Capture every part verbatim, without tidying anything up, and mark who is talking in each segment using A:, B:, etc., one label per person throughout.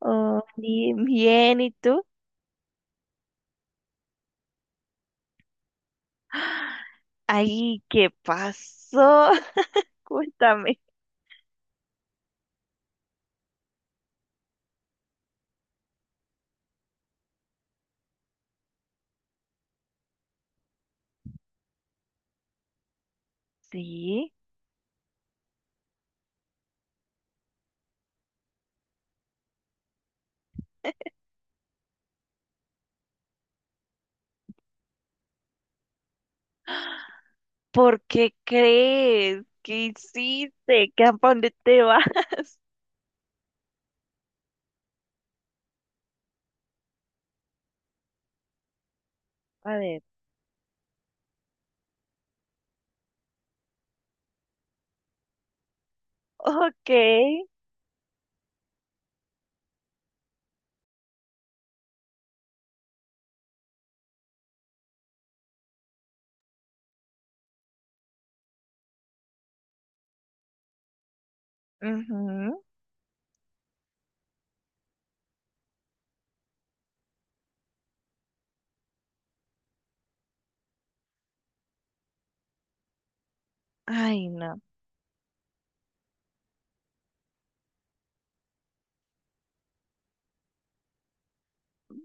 A: Oh, bien, bien, ¿y tú? ¡Ah! Ay, ¿qué pasó? Cuéntame. Sí, ¿por qué crees? ¿Qué hiciste? ¿Qué, a dónde te vas? A ver. Ok. Ujú. Ay, no.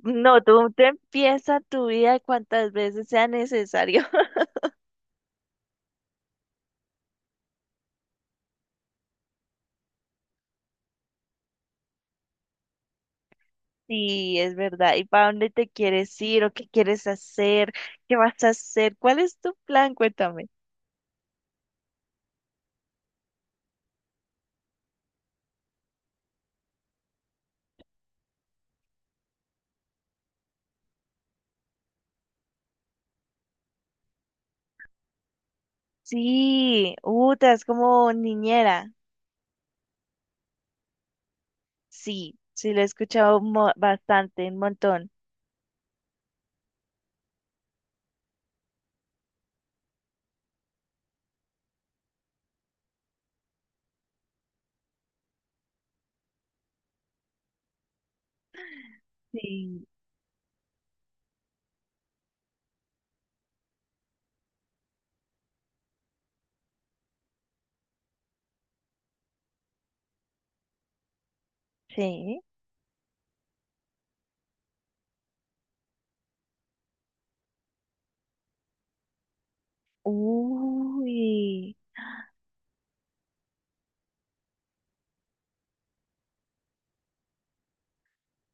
A: No, tú te empieza tu vida cuantas veces sea necesario. Sí, es verdad. ¿Y para dónde te quieres ir o qué quieres hacer? ¿Qué vas a hacer? ¿Cuál es tu plan? Cuéntame. Sí, Uta, es como niñera. Sí, sí, lo he escuchado mo- bastante, un montón. Sí. Sí. Uy,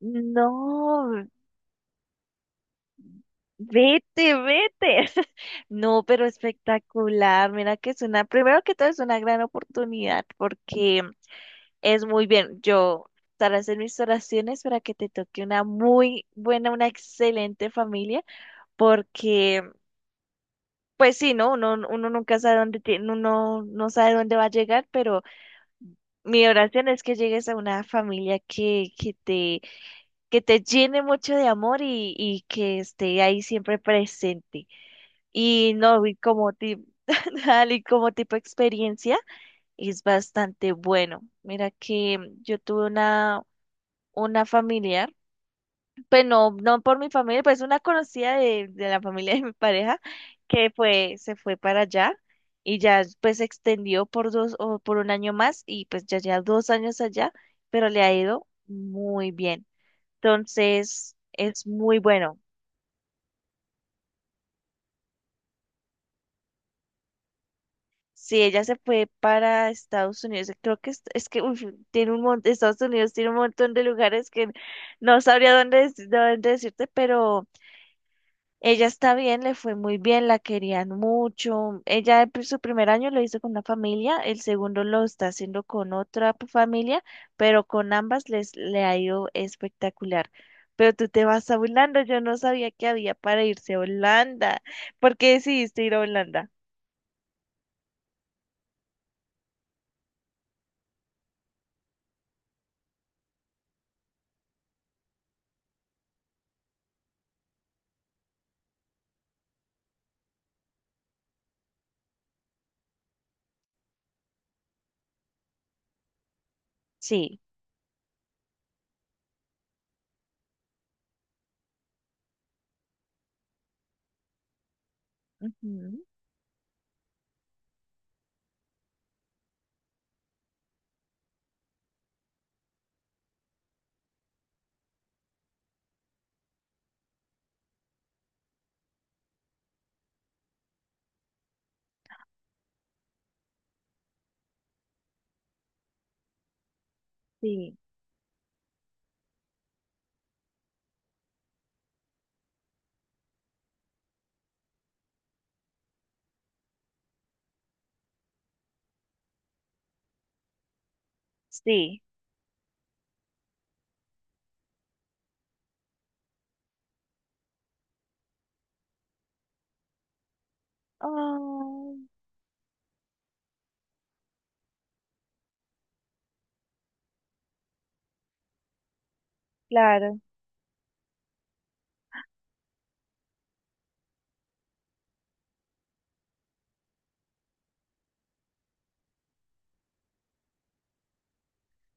A: no, vete, vete. No, pero espectacular. Mira que es una, primero que todo es una gran oportunidad porque es muy bien. Yo estaré hacer mis oraciones para que te toque una muy buena, una excelente familia, porque pues sí, ¿no? Uno, uno nunca sabe dónde tiene, uno no no sabe dónde va a llegar, pero mi oración es que llegues a una familia que, que te, que te llene mucho de amor y, y que esté ahí siempre presente. Y no, y como tipo, y como tipo experiencia, es bastante bueno. Mira que yo tuve una, una familiar, pues no, no por mi familia, pues una conocida de, de la familia de mi pareja, que fue, se fue para allá y ya pues se extendió por dos o por un año más y pues ya lleva dos años allá, pero le ha ido muy bien. Entonces, es muy bueno. Si ella se fue para Estados Unidos, creo que es, es que uf, tiene un montón, Estados Unidos tiene un montón de lugares que no sabría dónde, dec- dónde decirte, pero ella está bien, le fue muy bien, la querían mucho. Ella pues, su primer año lo hizo con una familia, el segundo lo está haciendo con otra p- familia, pero con ambas les le ha ido espectacular. Pero tú te vas a Holanda, yo no sabía que había para irse a Holanda. ¿Por qué decidiste ir a Holanda? Sí, ujú, sí, sí. Oh, claro.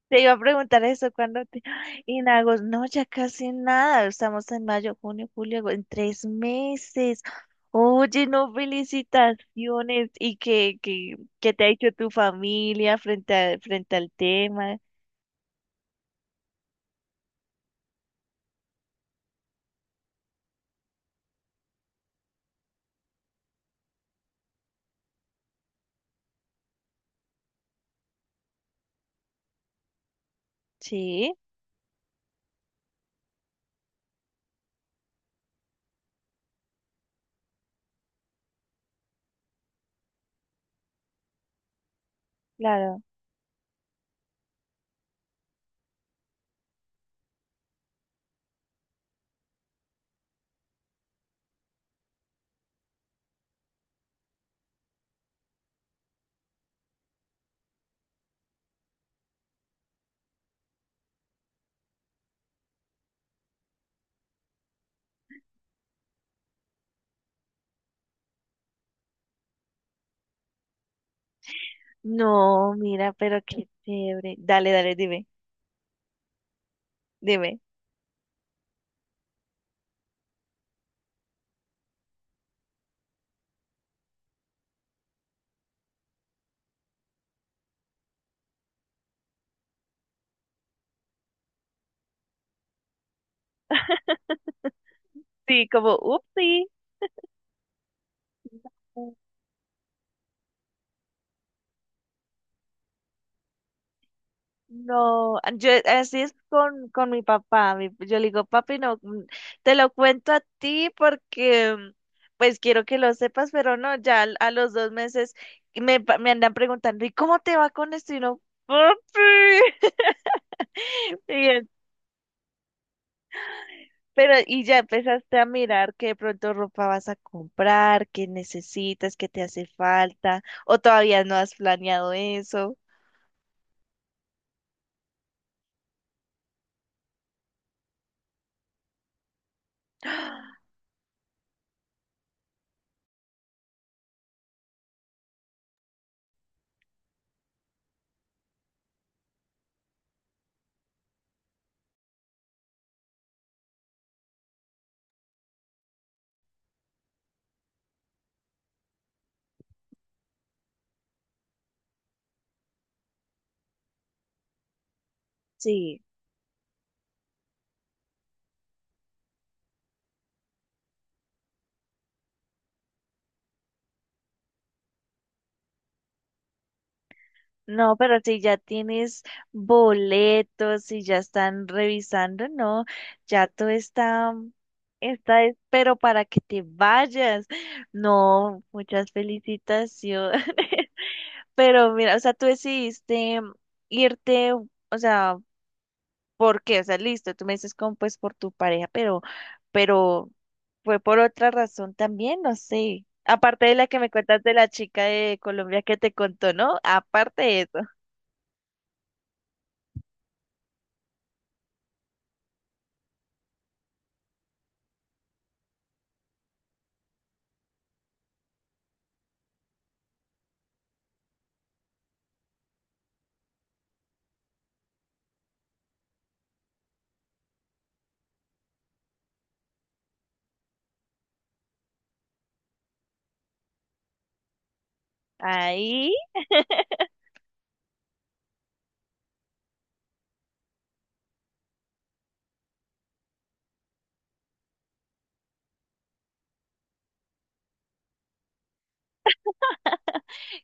A: Te iba a preguntar eso cuando te... Y en agosto, no, ya casi nada. Estamos en mayo, junio, julio, agosto, en tres meses. Oye, no, felicitaciones. ¿Y qué, qué, qué te ha dicho tu familia frente a- frente al tema? Sí, claro. No, mira, pero qué chévere. Dale, dale, dime, dime. Sí, como, upsí. No, yo así es con, con mi papá. Mi- yo le digo, papi, no, mm, te lo cuento a ti porque mm, pues quiero que lo sepas, pero no, ya al- a, los dos meses me, pa- me andan preguntando, ¿y cómo te va con esto? Y no, papi. Y él, pero, ¿y ya empezaste a mirar que de pronto ropa vas a comprar, qué necesitas, qué te hace falta, o todavía no has planeado eso? Sí. No, pero si ya tienes boletos, si ya están revisando, no, ya todo está, está, es- pero para que te vayas. No, muchas felicitaciones. Pero mira, o sea, tú decidiste irte, o sea, porque, o sea, listo, tú me dices como pues por tu pareja, pero, pero fue por otra razón también, no sé. Aparte de la que me cuentas de la chica de Colombia que te contó, ¿no? Aparte de eso. Ahí,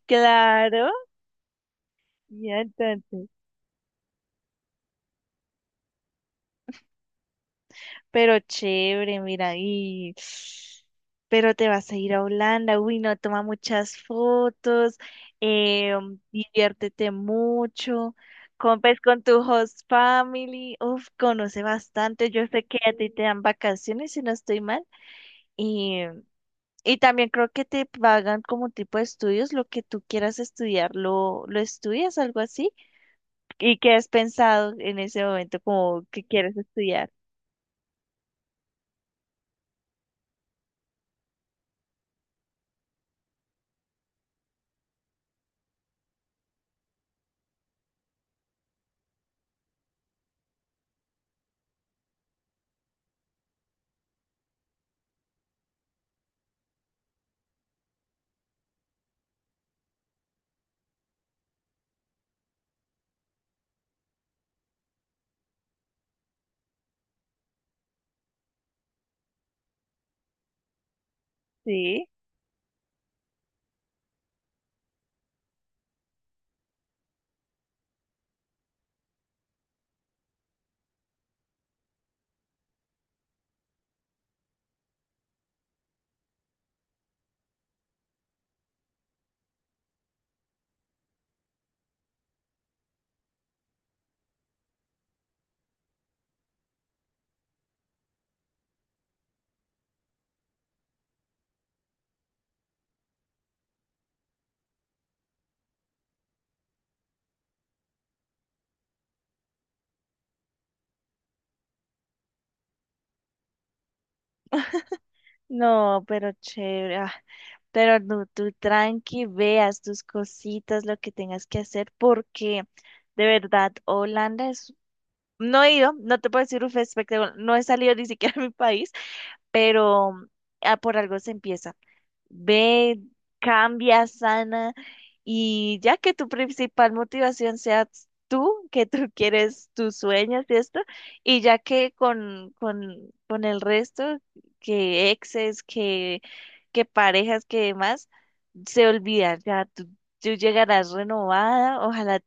A: claro. Ya entonces. Pero chévere, mira, y... Pero te vas a ir a Holanda, uy, no, toma muchas fotos, eh, diviértete mucho, compes con tu host family, uf, conoce bastante, yo sé que a ti te dan vacaciones, si no estoy mal, y, y también creo que te pagan como tipo de estudios, lo que tú quieras estudiar, lo, lo estudias, algo así, y qué has pensado en ese momento, como que quieres estudiar, ¿sí? No, pero chévere. Ah, pero no, tú tranqui, veas tus cositas, lo que tengas que hacer, porque de verdad, Holanda es... No he ido, no te puedo decir un espectáculo, no he salido ni siquiera a mi país, pero ah, por algo se empieza, ve, cambia, sana y ya que tu principal motivación sea tú, que tú quieres tus sueños y esto, y ya que con, con, con el resto, que exes, que, que parejas, que demás, se olvida, ya tú, tú llegarás renovada, ojalá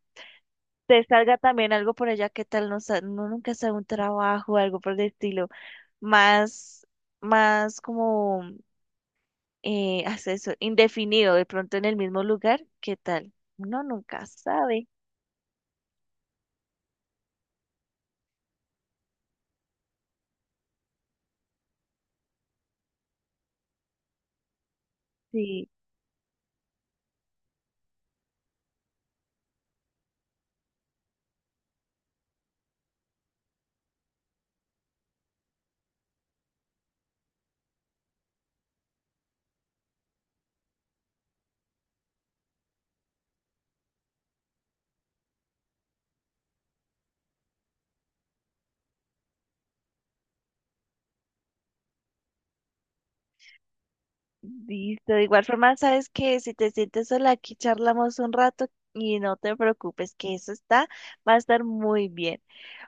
A: te salga también algo por allá, qué tal, no, sa- no nunca sea un trabajo, algo por el estilo, más, más como eh, hasta eso, indefinido, de pronto en el mismo lugar, ¿qué tal? Uno nunca sabe. Sí, listo. De igual forma, sabes que si te sientes sola, aquí charlamos un rato y no te preocupes, que eso está, va a estar muy bien.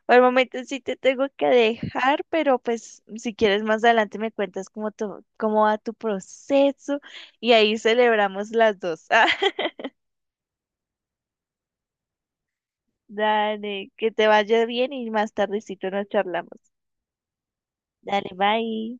A: Por el momento sí te tengo que dejar, pero pues si quieres más adelante me cuentas cómo, tu- cómo va tu proceso y ahí celebramos las dos. Dale, que te vaya bien y más tardecito nos charlamos. Dale, bye.